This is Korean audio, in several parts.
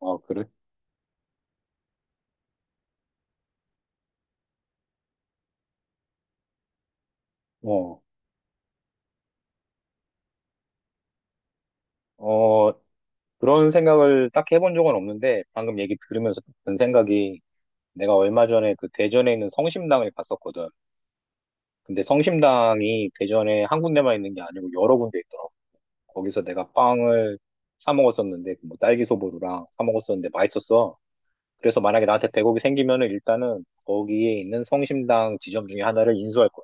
아, 그래? 어, 어, 그런 생각을 딱 해본 적은 없는데, 방금 얘기 들으면서 든 생각이, 내가 얼마 전에 그 대전에 있는 성심당을 갔었거든. 근데 성심당이 대전에 한 군데만 있는 게 아니고 여러 군데 있더라고. 거기서 내가 빵을 사 먹었었는데, 그 뭐 딸기 소보루랑 사 먹었었는데 맛있었어. 그래서 만약에 나한테 대0억이 생기면은 일단은 거기에 있는 성심당 지점 중에 하나를 인수할 거야.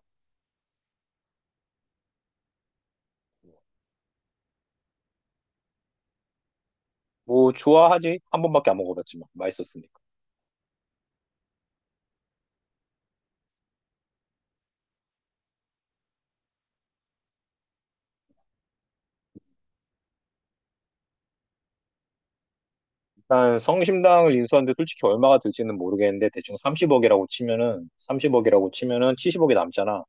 뭐, 좋아하지? 한 번밖에 안 먹어봤지만, 맛있었으니. 일단 성심당을 인수하는데 솔직히 얼마가 들지는 모르겠는데 대충 30억이라고 치면은 70억이 남잖아.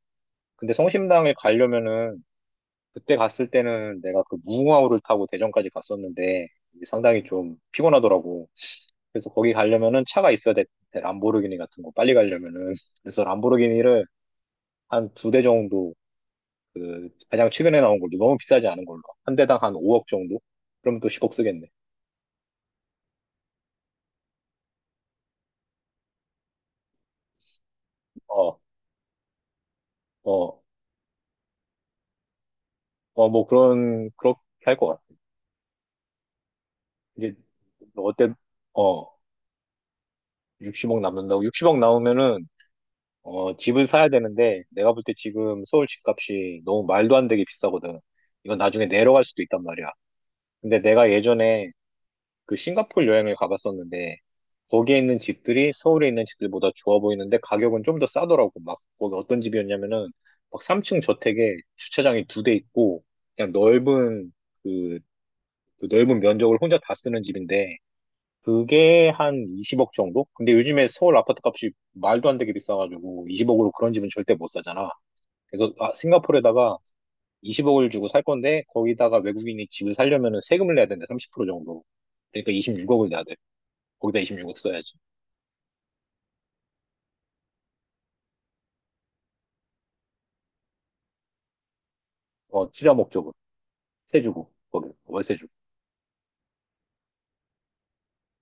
근데 성심당에 가려면은 그때 갔을 때는 내가 그 무궁화호를 타고 대전까지 갔었는데 이게 상당히 좀 피곤하더라고. 그래서 거기 가려면은 차가 있어야 돼. 람보르기니 같은 거 빨리 가려면은 그래서 람보르기니를 한 두 대 정도 그 가장 최근에 나온 걸로 너무 비싸지 않은 걸로 한 대당 한 5억 정도? 그럼 또 10억 쓰겠네. 어, 어, 어, 뭐 그런 그렇게 할 것 같아. 이제 어때? 어, 60억 남는다고? 60억 나오면은 집을 사야 되는데 내가 볼 때 지금 서울 집값이 너무 말도 안 되게 비싸거든. 이건 나중에 내려갈 수도 있단 말이야. 근데 내가 예전에 그 싱가포르 여행을 가봤었는데 거기에 있는 집들이 서울에 있는 집들보다 좋아 보이는데 가격은 좀 더 싸더라고. 막 거기 어떤 집이었냐면은 막 3층 저택에 주차장이 두 대 있고 그냥 넓은 그, 그 넓은 면적을 혼자 다 쓰는 집인데 그게 한 20억 정도? 근데 요즘에 서울 아파트 값이 말도 안 되게 비싸가지고 20억으로 그런 집은 절대 못 사잖아. 그래서 아, 싱가포르에다가 20억을 주고 살 건데 거기다가 외국인이 집을 살려면은 세금을 내야 되는데 30% 정도. 그러니까 26억을 내야 돼. 거기다 26억 써야지. 어, 투자 목적은 세 주고 거기 월세 주고.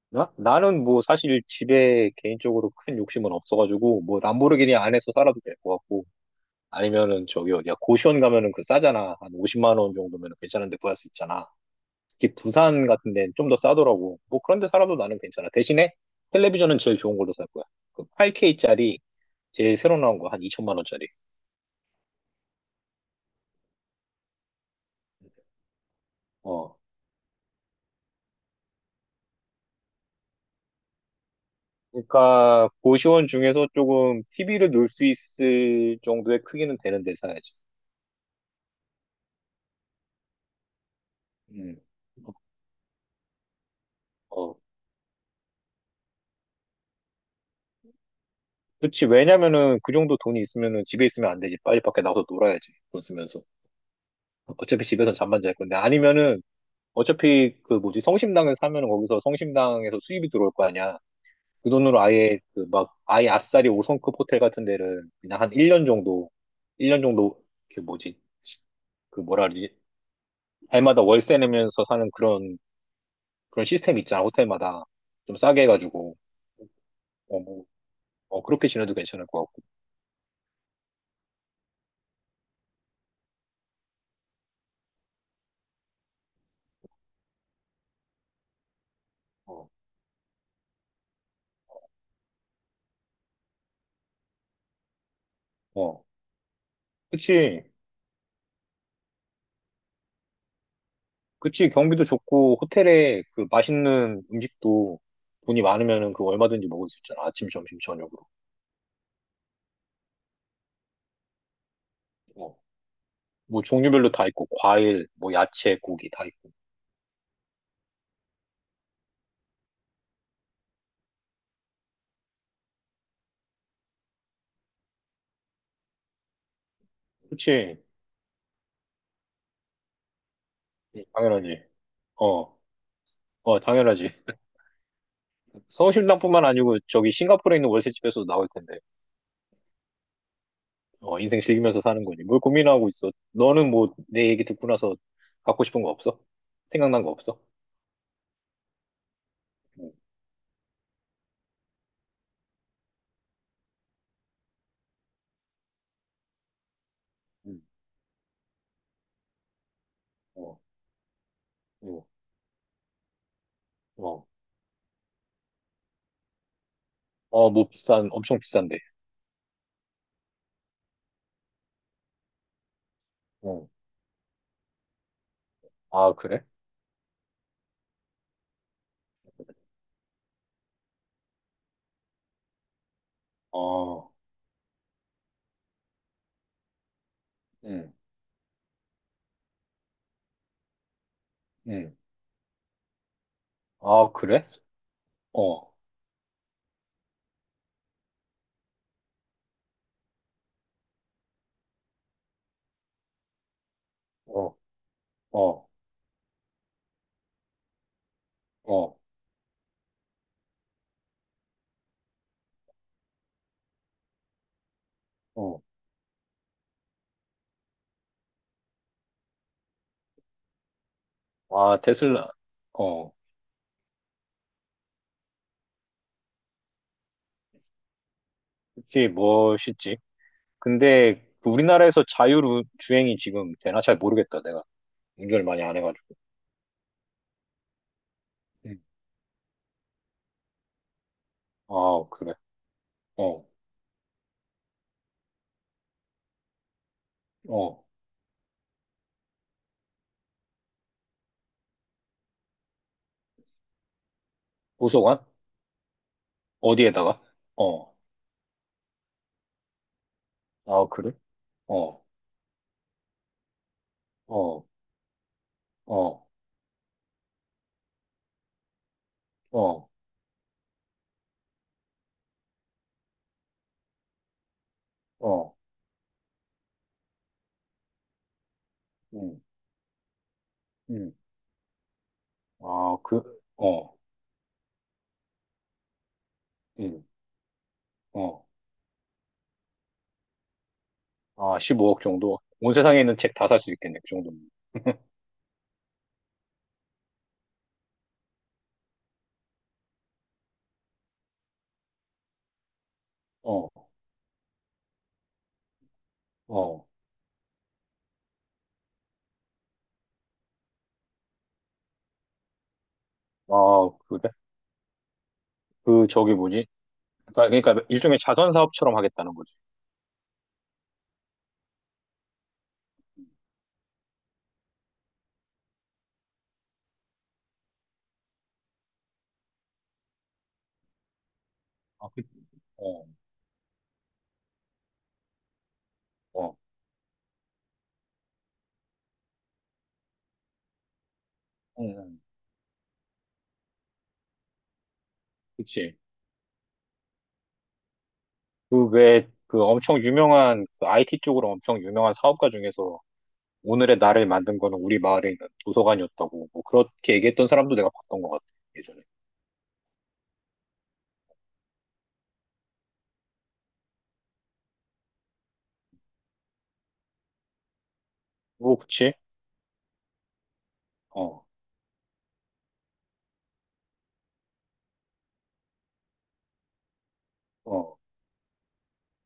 나 나는 뭐 사실 집에 개인적으로 큰 욕심은 없어가지고 뭐 람보르기니 안에서 살아도 될 것 같고, 아니면은 저기 어디야 고시원 가면은 그 싸잖아, 한 50만 원 정도면 괜찮은데 구할 수 있잖아. 특히 부산 같은 데는 좀 더 싸더라고. 뭐 그런데 살아도 나는 괜찮아. 대신에 텔레비전은 제일 좋은 걸로 살 거야. 그 8K짜리 제일 새로 나온 거, 한 2천만 원짜리. 어. 그러니까 고시원 중에서 조금 TV를 놓을 수 있을 정도의 크기는 되는 데 사야지. 음. 어. 그렇지. 왜냐면은 그 정도 돈이 있으면은 집에 있으면 안 되지. 빨리 밖에 나가서 놀아야지, 돈 쓰면서. 어차피 집에서 잠만 잘 건데, 아니면은 어차피 그 뭐지, 성심당에 사면은 거기서 성심당에서 수입이 들어올 거 아니야. 그 돈으로 아예 그 막 아예 아싸리 5성급 호텔 같은 데를 그냥 한 1년 정도, 1년 정도 그 뭐지 그 뭐라 그러지, 해마다 월세 내면서 사는 그런 시스템 있잖아, 호텔마다 좀 싸게 해가지고. 뭐, 그렇게 지내도 괜찮을 것 같고. 어, 어. 그치, 그치, 경비도 좋고 호텔에 그 맛있는 음식도 돈이 많으면은 그 얼마든지 먹을 수 있잖아, 아침 점심 저녁으로. 어. 뭐 종류별로 다 있고, 과일 뭐 야채 고기 다 있고. 그치. 당연하지. 어, 어, 당연하지. 성심당뿐만 아니고 저기 싱가포르에 있는 월세집에서도 나올 텐데. 어, 인생 즐기면서 사는 거지. 뭘 고민하고 있어. 너는 뭐 내 얘기 듣고 나서 갖고 싶은 거 없어? 생각난 거 없어? 응, 응, 어, 어, 어, 어, 뭐 엄청 비싼데. 어, 아, 그래? 어, 응, 응. 아, 그래? 어, 어, 어, 어, 어. 아, 테슬라. 어, 그게 멋있지. 근데 그 우리나라에서 자율주행이 지금 되나? 잘 모르겠다, 내가. 운전을 많이 안 해가지고. 음. 아, 그래. 어, 어. 도서관? 어디에다가? 어. 아, 그래? 어, 어, 어, 어, 어. 음, 음. 아, 그, 어, 음, 어. 아, 15억 정도? 온 세상에 있는 책 다 살 수 있겠네, 그 정도면. 어, 어. 아, 그래? 저기 뭐지? 그러니까, 일종의 자선 사업처럼 하겠다는 거지. 아, 그, 어, 어. 응, 그치. 그 왜, 그 엄청 유명한, 그 IT 쪽으로 엄청 유명한 사업가 중에서 오늘의 나를 만든 거는 우리 마을에 있는 도서관이었다고, 뭐, 그렇게 얘기했던 사람도 내가 봤던 것 같아, 예전에. 뭐, 그치? 어, 어,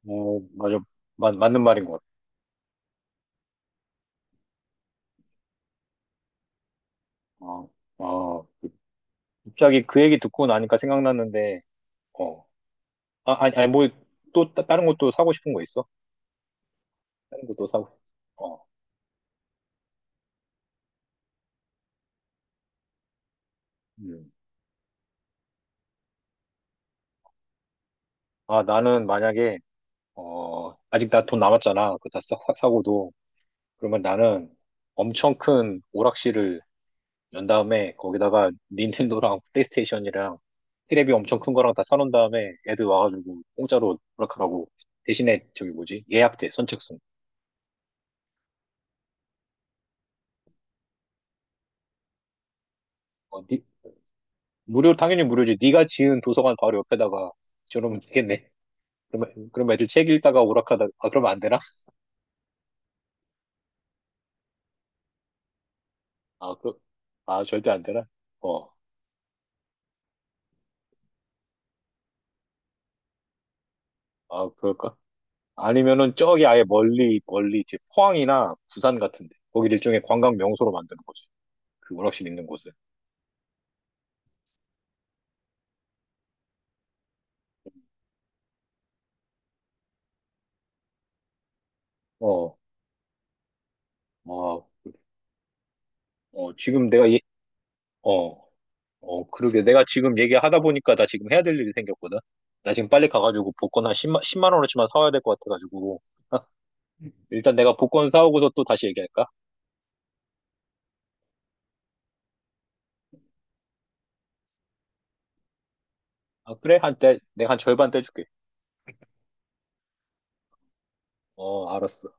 뭐 맞아. 맞는 말인 것 같아. 어, 어, 갑자기 그 얘기 듣고 나니까 생각났는데, 어, 아, 아니, 아니, 뭐, 또, 다른 것도 사고 싶은 거 있어? 다른 것도 사고, 싶- 어, 음. 아, 나는 만약에, 아직 나 돈 남았잖아. 그거 다 사고도. 그러면 나는 엄청 큰 오락실을 연 다음에 거기다가 닌텐도랑 플레이스테이션이랑 테레비 엄청 큰 거랑 다 사놓은 다음에 애들 와가지고 공짜로 오락하라고. 대신에 저기 뭐지, 예약제 선착순. 어, 무료, 당연히 무료지. 네가 지은 도서관 바로 옆에다가 저러면 되겠네. 그러면 그럼 애들 책 읽다가 오락하다, 아, 그러면 안 되나? 아, 절대 안 되나? 어, 아, 그럴까? 아니면은 저기 아예 멀리 멀리 이제 포항이나 부산 같은데, 거기를 일종의 관광 명소로 만드는 거지, 그 오락실 있는 곳에. 어, 어, 어, 어, 어, 그러게. 내가 지금 얘기하다 보니까 나 지금 해야 될 일이 생겼거든. 나 지금 빨리 가가지고 복권 한 십만 원어치만 사와야 될 것 같아가지고. 일단 내가 복권 사오고서 또 다시 얘기할까? 아, 그래? 내가 한 절반 떼줄게. 어, 알았어.